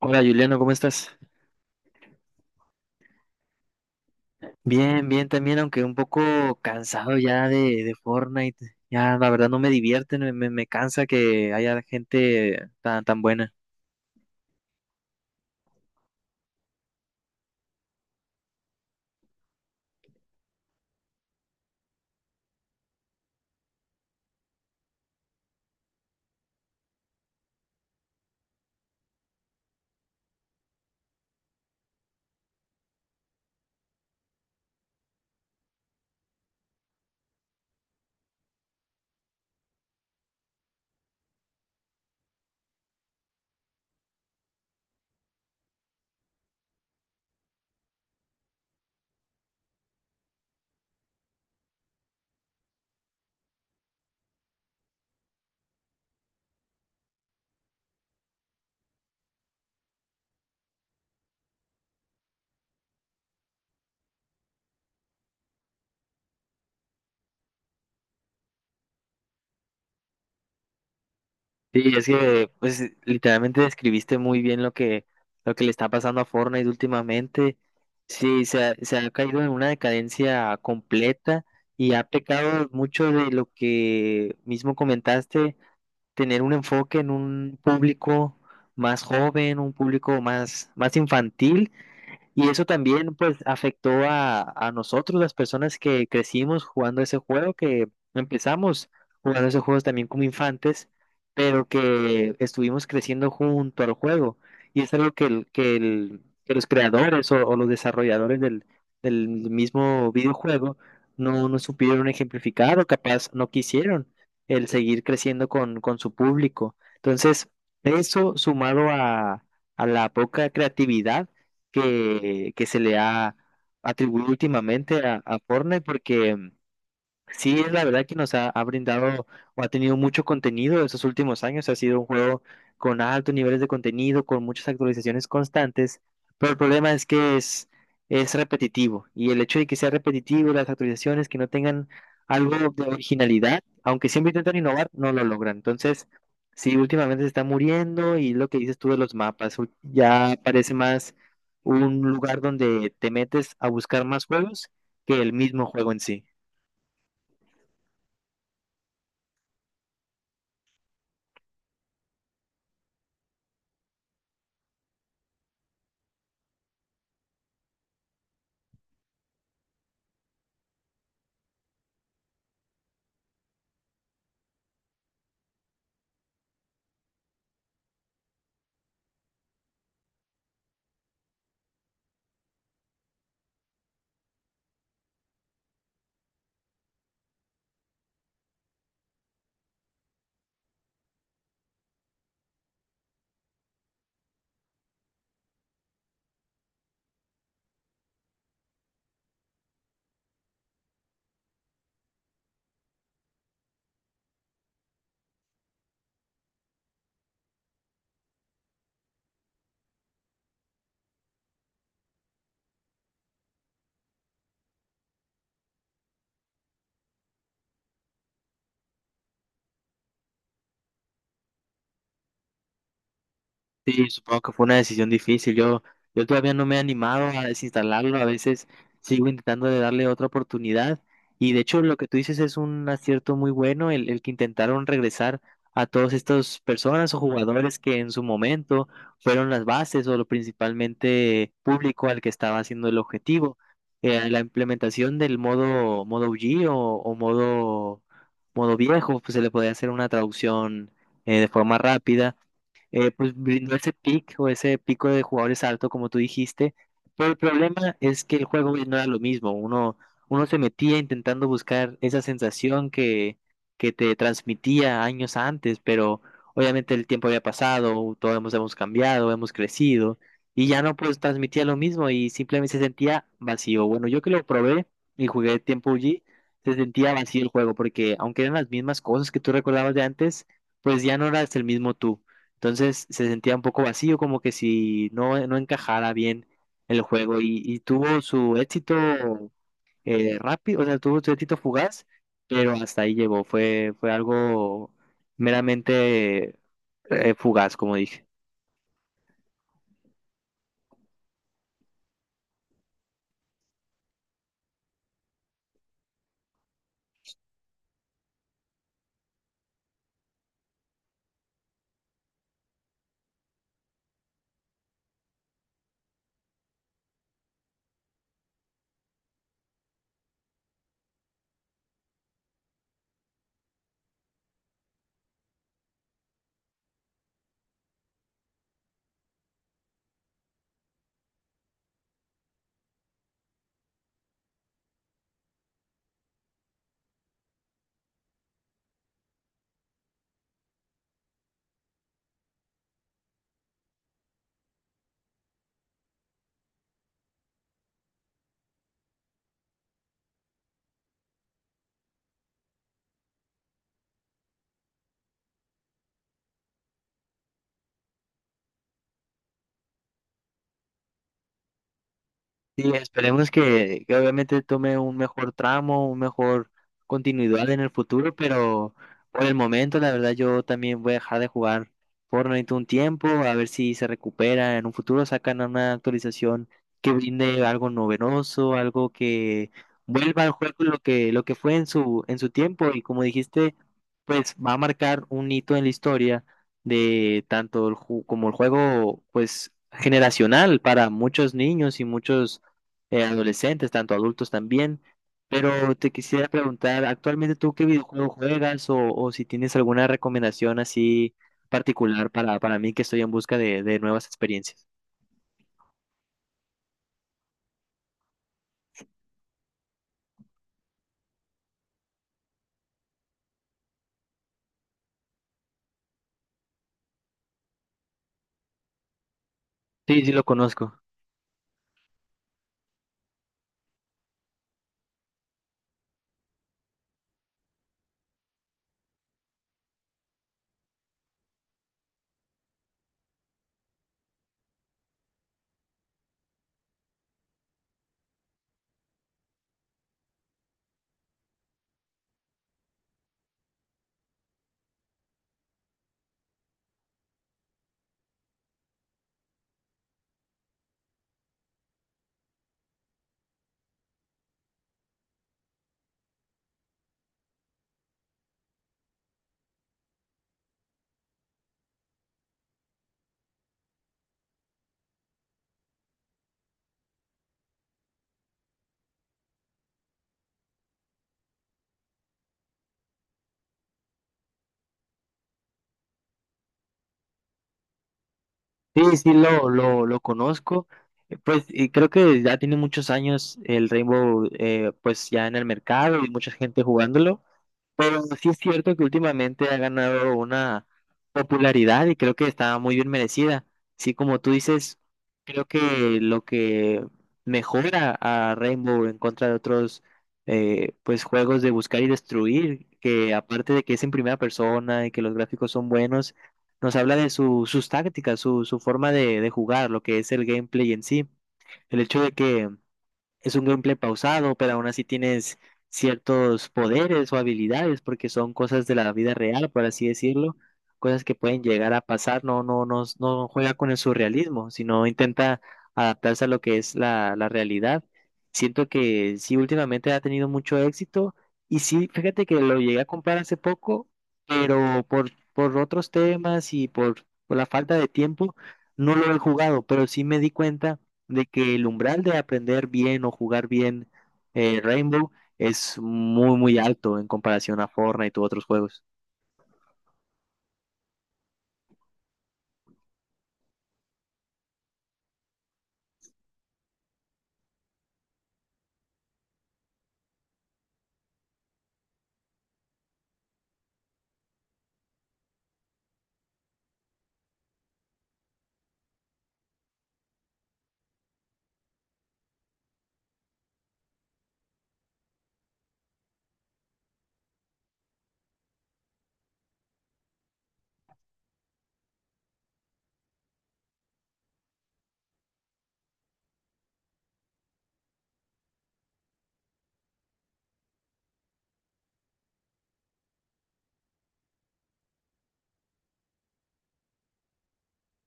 Hola Juliano, ¿cómo estás? Bien, bien también, aunque un poco cansado ya de Fortnite. Ya la verdad no me divierte, me cansa que haya gente tan buena. Sí, es que pues literalmente describiste muy bien lo lo que le está pasando a Fortnite últimamente. Sí, se ha caído en una decadencia completa y ha pecado mucho de lo que mismo comentaste tener un enfoque en un público más joven, un público más infantil y eso también pues afectó a nosotros, las personas que crecimos jugando ese juego, que empezamos jugando esos juegos también como infantes, pero que estuvimos creciendo junto al juego. Y es algo que, que los creadores o los desarrolladores del mismo videojuego no supieron ejemplificar o capaz no quisieron el seguir creciendo con su público. Entonces, eso sumado a la poca creatividad que se le ha atribuido últimamente a Fortnite porque... Sí, es la verdad que nos ha brindado o ha tenido mucho contenido estos últimos años. Ha sido un juego con altos niveles de contenido, con muchas actualizaciones constantes, pero el problema es que es repetitivo y el hecho de que sea repetitivo, las actualizaciones que no tengan algo de originalidad, aunque siempre intentan innovar, no lo logran. Entonces, sí, últimamente se está muriendo y lo que dices tú de los mapas, ya parece más un lugar donde te metes a buscar más juegos que el mismo juego en sí. Sí, supongo que fue una decisión difícil. Yo todavía no me he animado a desinstalarlo. A veces sigo intentando de darle otra oportunidad. Y de hecho, lo que tú dices es un acierto muy bueno, el que intentaron regresar a todas estas personas o jugadores que en su momento fueron las bases o lo principalmente público al que estaba haciendo el objetivo. La implementación del modo OG o modo viejo, pues se le podía hacer una traducción de forma rápida, pues brindó ese pick o ese pico de jugadores alto, como tú dijiste. Pero el problema es que el juego no era lo mismo. Uno se metía intentando buscar esa sensación que te transmitía años antes, pero obviamente el tiempo había pasado, hemos cambiado, hemos crecido, y ya no pues transmitía lo mismo y simplemente se sentía vacío. Bueno, yo que lo probé y jugué tiempo allí, se sentía vacío el juego, porque aunque eran las mismas cosas que tú recordabas de antes, pues ya no eras el mismo tú. Entonces se sentía un poco vacío, como que si no encajara bien el juego y tuvo su éxito rápido, o sea, tuvo su éxito fugaz, pero hasta ahí llegó. Fue algo meramente fugaz, como dije. Sí, esperemos que obviamente tome un mejor tramo, un mejor continuidad en el futuro, pero por el momento, la verdad, yo también voy a dejar de jugar Fortnite un tiempo, a ver si se recupera en un futuro, sacan una actualización que brinde algo novedoso, algo que vuelva al juego lo lo que fue en en su tiempo, y como dijiste, pues va a marcar un hito en la historia de tanto como el juego, pues generacional para muchos niños y muchos adolescentes, tanto adultos también. Pero te quisiera preguntar, ¿actualmente tú qué videojuego juegas o si tienes alguna recomendación así particular para mí que estoy en busca de nuevas experiencias? Sí, sí lo conozco. Sí, sí lo conozco. Pues y creo que ya tiene muchos años el Rainbow, pues ya en el mercado y mucha gente jugándolo. Pero sí es cierto que últimamente ha ganado una popularidad y creo que está muy bien merecida. Sí, como tú dices, creo que lo que mejora a Rainbow en contra de otros, pues juegos de buscar y destruir, que aparte de que es en primera persona y que los gráficos son buenos, nos habla de sus tácticas, su forma de jugar, lo que es el gameplay en sí. El hecho de que es un gameplay pausado, pero aún así tienes ciertos poderes o habilidades, porque son cosas de la vida real, por así decirlo, cosas que pueden llegar a pasar. No, no juega con el surrealismo, sino intenta adaptarse a lo que es la realidad. Siento que sí, últimamente ha tenido mucho éxito, y sí, fíjate que lo llegué a comprar hace poco, pero por otros temas y por la falta de tiempo, no lo he jugado, pero sí me di cuenta de que el umbral de aprender bien o jugar bien, Rainbow es muy alto en comparación a Fortnite u otros juegos.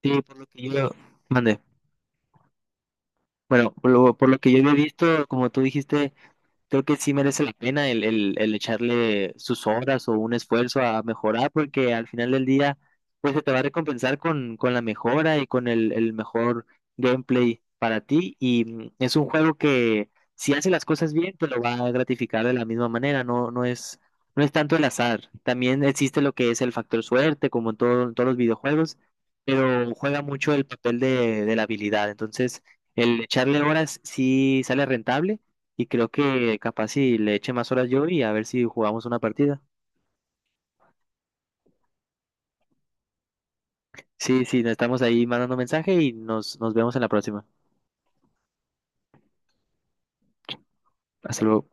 Sí, por lo que yo... Mande. Bueno, por lo que yo había visto, como tú dijiste, creo que sí merece la pena el echarle sus horas o un esfuerzo a mejorar, porque al final del día, pues se te va a recompensar con la mejora y con el mejor gameplay para ti. Y mm, es un juego que si hace las cosas bien, te lo va a gratificar de la misma manera, no es tanto el azar. También existe lo que es el factor suerte, como en en todos los videojuegos, pero juega mucho el papel de la habilidad. Entonces, el echarle horas sí sale rentable y creo que capaz si le eche más horas yo y a ver si jugamos una partida. Sí, sí, nos estamos ahí mandando mensaje y nos vemos en la próxima. Hasta luego.